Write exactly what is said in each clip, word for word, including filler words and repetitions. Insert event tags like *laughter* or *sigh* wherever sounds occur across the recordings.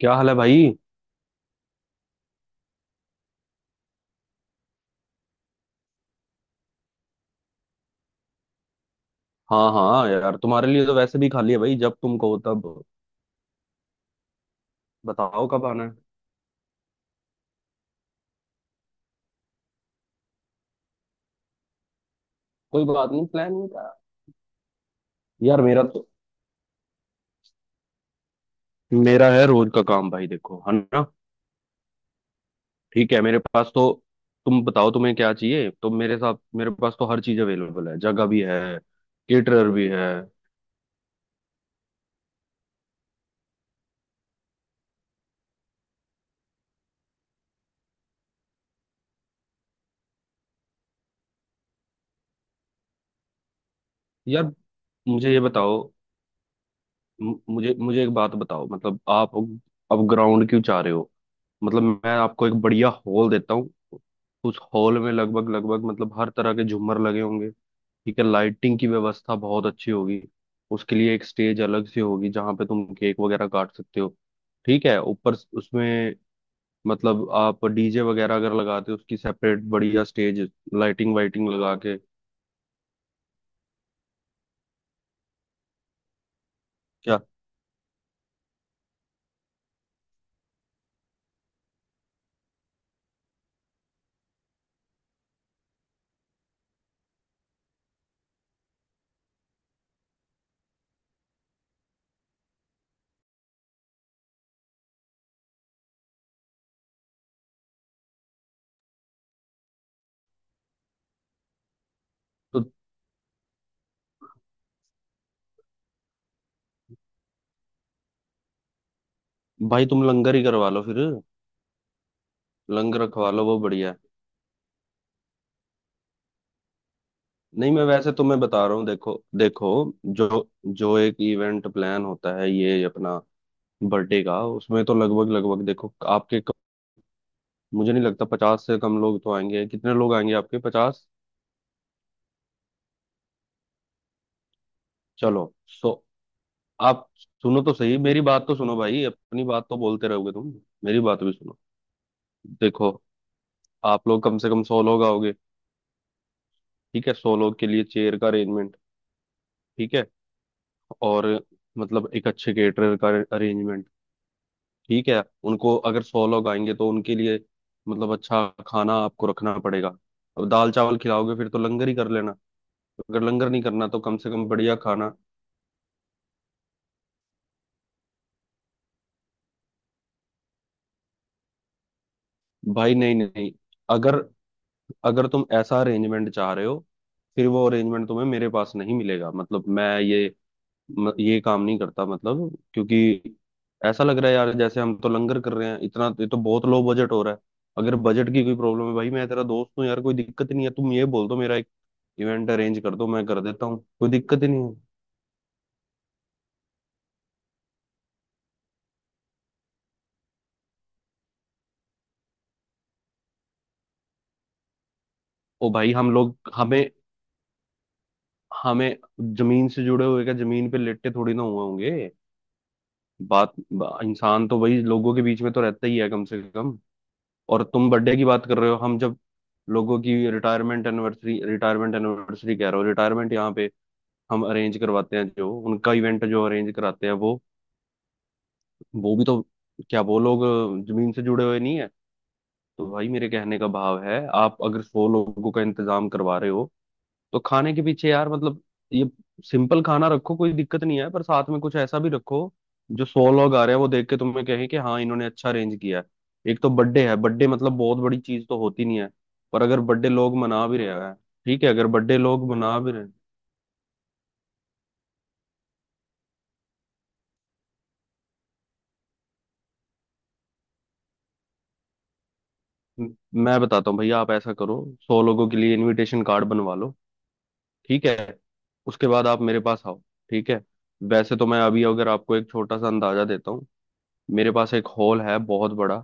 क्या हाल है भाई। हाँ हाँ यार, तुम्हारे लिए तो वैसे भी खाली है भाई, जब तुम कहो तब। बताओ कब आना है। कोई बात नहीं, प्लान नहीं था। यार मेरा तो मेरा है रोज का काम भाई, देखो है ना। ठीक है, मेरे पास तो तुम बताओ तुम्हें क्या चाहिए, तो मेरे साथ मेरे पास तो हर चीज अवेलेबल है, जगह भी है, केटरर भी है। यार मुझे ये बताओ, मु- मुझे मुझे एक बात बताओ, मतलब आप अब ग्राउंड क्यों चाह रहे हो? मतलब मैं आपको एक बढ़िया हॉल देता हूँ, उस हॉल में लगभग लगभग मतलब हर तरह के झूमर लगे होंगे। ठीक है, लाइटिंग की व्यवस्था बहुत अच्छी होगी, उसके लिए एक स्टेज अलग से होगी जहाँ पे तुम केक वगैरह काट सकते हो। ठीक है, ऊपर स- उसमें मतलब आप डीजे वगैरह अगर लगाते हो उसकी सेपरेट बढ़िया स्टेज, लाइटिंग वाइटिंग लगा के। क्या? तो भाई तुम लंगर ही करवा लो फिर, लंगर रखवा लो, वो बढ़िया है। नहीं, मैं वैसे तुम्हें बता रहा हूँ, देखो देखो जो जो एक इवेंट प्लान होता है ये अपना बर्थडे का, उसमें तो लगभग लगभग देखो आपके क- मुझे नहीं लगता पचास से कम लोग तो आएंगे। कितने लोग आएंगे आपके? पचास। चलो सो, आप सुनो तो सही, मेरी बात तो सुनो भाई, अपनी बात तो बोलते रहोगे तुम, मेरी बात भी सुनो। देखो, आप लोग कम से कम सौ लोग आओगे। ठीक है, सौ लोग के लिए चेयर का अरेंजमेंट। ठीक है, और मतलब एक अच्छे केटरर का अरेंजमेंट। ठीक है, उनको अगर सौ लोग आएंगे तो उनके लिए मतलब अच्छा खाना आपको रखना पड़ेगा। अब दाल चावल खिलाओगे फिर तो लंगर ही कर लेना, अगर लंगर नहीं करना तो कम से कम बढ़िया खाना। भाई नहीं नहीं, अगर अगर तुम ऐसा अरेंजमेंट चाह रहे हो फिर वो अरेंजमेंट तुम्हें मेरे पास नहीं मिलेगा, मतलब मैं ये म, ये काम नहीं करता, मतलब क्योंकि ऐसा लग रहा है यार जैसे हम तो लंगर कर रहे हैं इतना, ये तो बहुत लो बजट हो रहा है। अगर बजट की कोई प्रॉब्लम है भाई, मैं तेरा दोस्त हूँ यार, कोई दिक्कत नहीं है, तुम ये बोल दो मेरा एक इवेंट अरेंज कर दो, मैं कर देता हूँ, कोई दिक्कत ही नहीं है। ओ भाई, हम लोग हमें हमें जमीन से जुड़े हुए क्या, जमीन पे लेटे थोड़ी ना हुए होंगे। बात बा, इंसान तो वही लोगों के बीच में तो रहता ही है कम से कम। और तुम बर्थडे की बात कर रहे हो, हम जब लोगों की रिटायरमेंट एनिवर्सरी, रिटायरमेंट एनिवर्सरी कह रहा हूँ, रिटायरमेंट यहाँ पे हम अरेंज करवाते हैं, जो उनका इवेंट जो अरेंज कराते हैं वो वो भी तो, क्या वो लोग जमीन से जुड़े हुए नहीं है? तो भाई मेरे कहने का भाव है, आप अगर सौ लोगों का इंतजाम करवा रहे हो तो खाने के पीछे यार मतलब ये सिंपल खाना रखो कोई दिक्कत नहीं है, पर साथ में कुछ ऐसा भी रखो जो सौ लोग आ रहे हैं वो देख के तुम्हें कहें कि हाँ इन्होंने अच्छा अरेंज किया है। एक तो बर्थडे है, बर्थडे मतलब बहुत बड़ी चीज तो होती नहीं है, पर अगर बर्थडे लोग मना भी रहे हैं। ठीक है, अगर बर्थडे लोग मना भी रहे हैं। मैं बताता हूँ भैया, आप ऐसा करो, सौ लोगों के लिए इनविटेशन कार्ड बनवा लो। ठीक है, उसके बाद आप मेरे पास आओ। ठीक है, वैसे तो मैं अभी अगर आपको एक छोटा सा अंदाजा देता हूँ, मेरे पास एक हॉल है बहुत बड़ा।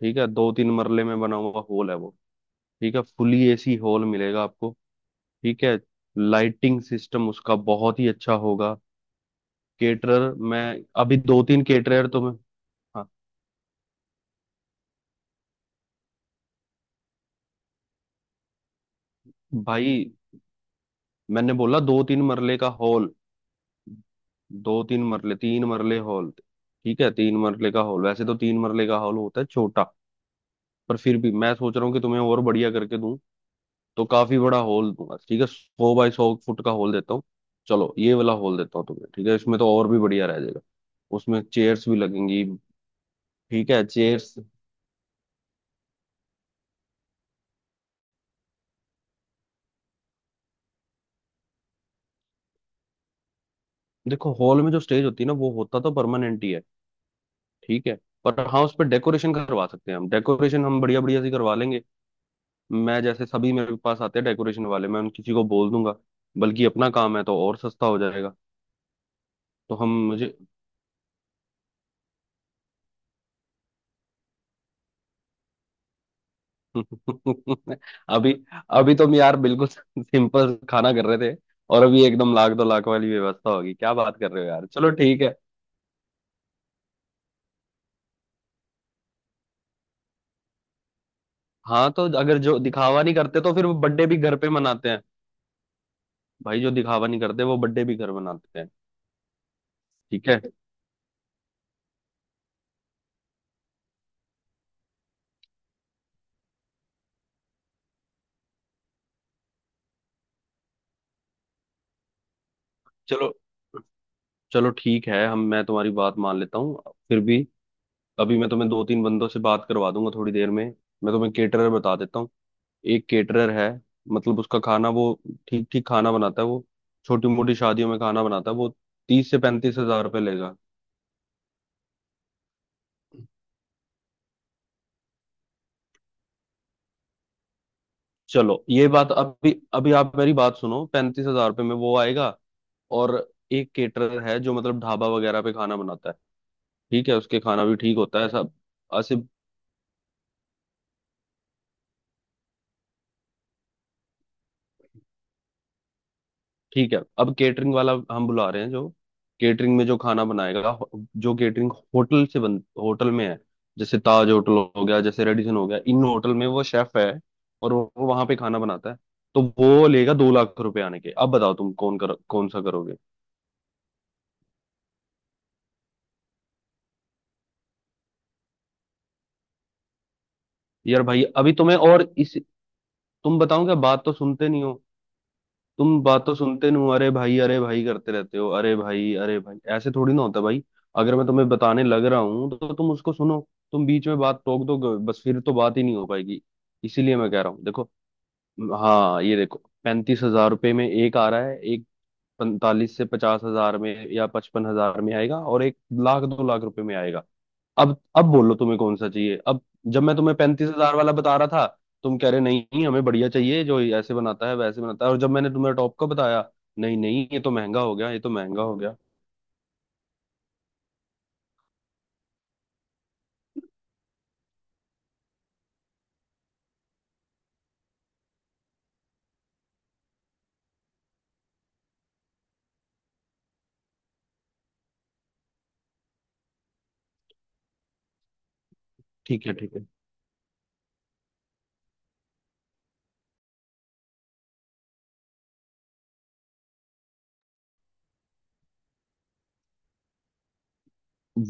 ठीक है, दो तीन मरले में बना हुआ हॉल है वो। ठीक है, फुली एसी हॉल मिलेगा आपको। ठीक है, लाइटिंग सिस्टम उसका बहुत ही अच्छा होगा। केटरर मैं अभी, दो तीन केटरर तो मैं, हाँ, भाई मैंने बोला दो तीन मरले का हॉल, दो तीन मरले, तीन मरले हॉल। ठीक है, तीन मरले का हॉल, वैसे तो तीन मरले का हॉल होता है छोटा, पर फिर भी मैं सोच रहा हूँ कि तुम्हें और बढ़िया करके दूं, तो काफी बड़ा होल दूंगा। ठीक है, सौ बाय सौ फुट का होल देता हूँ। चलो ये वाला होल देता हूँ तुम्हें। ठीक है, इसमें तो और भी बढ़िया रह जाएगा, उसमें चेयर्स भी लगेंगी। ठीक है, चेयर्स, देखो हॉल में जो स्टेज होती है ना वो होता तो परमानेंट ही है। ठीक है, पर हाँ उस पर डेकोरेशन करवा सकते हैं हम, डेकोरेशन हम बढ़िया बढ़िया सी करवा लेंगे, मैं जैसे सभी मेरे पास आते हैं डेकोरेशन वाले, मैं उन किसी को बोल दूंगा, बल्कि अपना काम है तो और सस्ता हो जाएगा। तो हम, मुझे *laughs* अभी अभी तुम यार बिल्कुल *laughs* सिंपल खाना कर रहे थे, और अभी एकदम लाख दो लाख वाली व्यवस्था होगी, क्या बात कर रहे हो यार? चलो ठीक है। हाँ तो अगर जो दिखावा नहीं करते तो फिर वो बर्थडे भी घर पे मनाते हैं, भाई जो दिखावा नहीं करते वो बर्थडे भी घर मनाते हैं। ठीक है, चलो, चलो ठीक है हम, मैं तुम्हारी बात मान लेता हूँ, फिर भी अभी मैं तुम्हें दो तीन बंदों से बात करवा दूंगा थोड़ी देर में, मैं तुम्हें केटरर बता देता हूँ। एक केटरर है, मतलब उसका खाना वो ठीक ठीक खाना बनाता है वो, छोटी मोटी शादियों में खाना बनाता है वो, तीस से पैंतीस हजार रुपये लेगा। चलो ये बात, अभी अभी आप मेरी बात सुनो, पैंतीस हजार रुपये में वो आएगा। और एक केटरर है जो मतलब ढाबा वगैरह पे खाना बनाता है, ठीक है उसके खाना भी ठीक होता है सब ऐसे। ठीक है, अब केटरिंग वाला हम बुला रहे हैं जो, केटरिंग में जो खाना बनाएगा, हो- जो केटरिंग होटल से, बन होटल में है जैसे ताज होटल हो गया, जैसे रेडिसन हो गया, इन होटल में वो शेफ है और वो वो वहां पे खाना बनाता है, तो वो लेगा दो लाख रुपए आने के। अब बताओ तुम कौन कर कौन सा करोगे? यार भाई अभी तुम्हें और इस, तुम बताओ क्या, बात तो सुनते नहीं हो, तुम बात तो सुनते नहीं हो, अरे भाई अरे भाई करते रहते हो, अरे भाई अरे भाई ऐसे थोड़ी ना होता भाई। अगर मैं तुम्हें बताने लग रहा हूँ तो तुम उसको सुनो, तुम बीच में बात टोक दो, बस फिर तो बात ही नहीं हो पाएगी। इसीलिए मैं कह रहा हूँ, देखो, हाँ ये देखो, पैंतीस हजार रुपये में एक आ रहा है, एक पैंतालीस से पचास हजार में या पचपन हजार में आएगा, और एक लाख दो लाख रुपए में आएगा। अब अब बोलो तुम्हें कौन सा चाहिए अब? जब मैं तुम्हें पैंतीस हजार वाला बता रहा था, तुम कह रहे नहीं हमें बढ़िया चाहिए जो ऐसे बनाता है वैसे बनाता है, और जब मैंने तुम्हें टॉप का बताया, नहीं नहीं ये तो महंगा हो गया, ये तो महंगा हो गया। ठीक है ठीक है,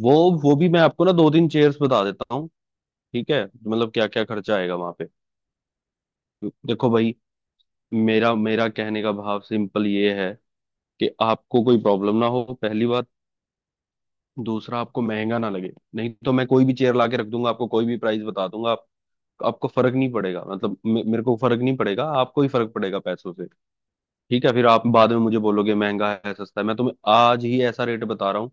वो वो भी मैं आपको ना दो तीन चेयर्स बता देता हूँ। ठीक है, मतलब क्या क्या खर्चा आएगा वहां पे। देखो भाई, मेरा मेरा कहने का भाव सिंपल ये है कि आपको कोई प्रॉब्लम ना हो, पहली बात। दूसरा, आपको महंगा ना लगे, नहीं तो मैं कोई भी चेयर लाके रख दूंगा आपको, कोई भी प्राइस बता दूंगा, आप, आपको फर्क नहीं पड़ेगा, मतलब मे- मेरे को फर्क नहीं पड़ेगा, आपको ही फर्क पड़ेगा पैसों से। ठीक है, फिर आप बाद में मुझे बोलोगे महंगा है सस्ता है, मैं तुम्हें आज ही ऐसा रेट बता रहा हूँ,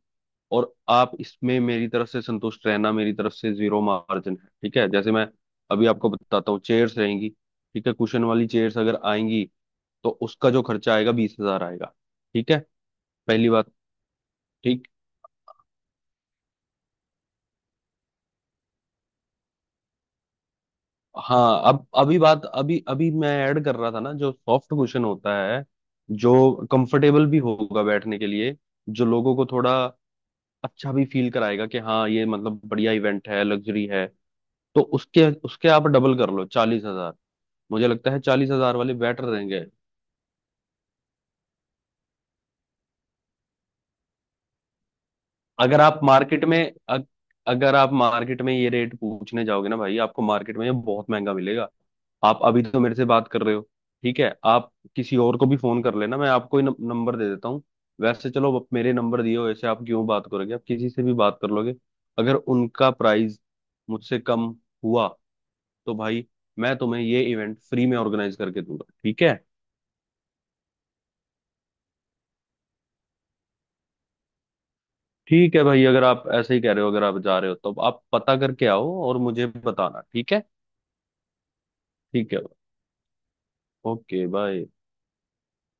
और आप इसमें मेरी तरफ से संतुष्ट रहना, मेरी तरफ से जीरो मार्जिन है। ठीक है, जैसे मैं अभी आपको बताता हूँ, चेयर्स रहेंगी। ठीक है, कुशन वाली चेयर्स अगर आएंगी तो उसका जो खर्चा आएगा बीस हजार आएगा। ठीक है, पहली बात। ठीक। हाँ, अब अभी बात, अभी अभी मैं ऐड कर रहा था ना जो सॉफ्ट कुशन होता है, जो कंफर्टेबल भी होगा बैठने के लिए, जो लोगों को थोड़ा अच्छा भी फील कराएगा कि हाँ ये मतलब बढ़िया इवेंट है, लग्जरी है। तो उसके उसके आप डबल कर लो चालीस हजार, मुझे लगता है चालीस हजार वाले बेटर रहेंगे। अगर आप मार्केट में, अग, अगर आप मार्केट में ये रेट पूछने जाओगे ना भाई, आपको मार्केट में ये बहुत महंगा मिलेगा। आप अभी तो मेरे से बात कर रहे हो। ठीक है, आप किसी और को भी फोन कर लेना, मैं आपको ही नम- नंबर दे देता हूँ। वैसे चलो आप मेरे नंबर दिए हो, ऐसे आप क्यों बात करोगे, आप किसी से भी बात कर लोगे, अगर उनका प्राइस मुझसे कम हुआ, तो भाई मैं तुम्हें ये इवेंट फ्री में ऑर्गेनाइज करके दूंगा। ठीक है, ठीक है भाई, अगर आप ऐसे ही कह रहे हो, अगर आप जा रहे हो तो आप पता करके आओ और मुझे बताना। ठीक है, ठीक है ओके बाय।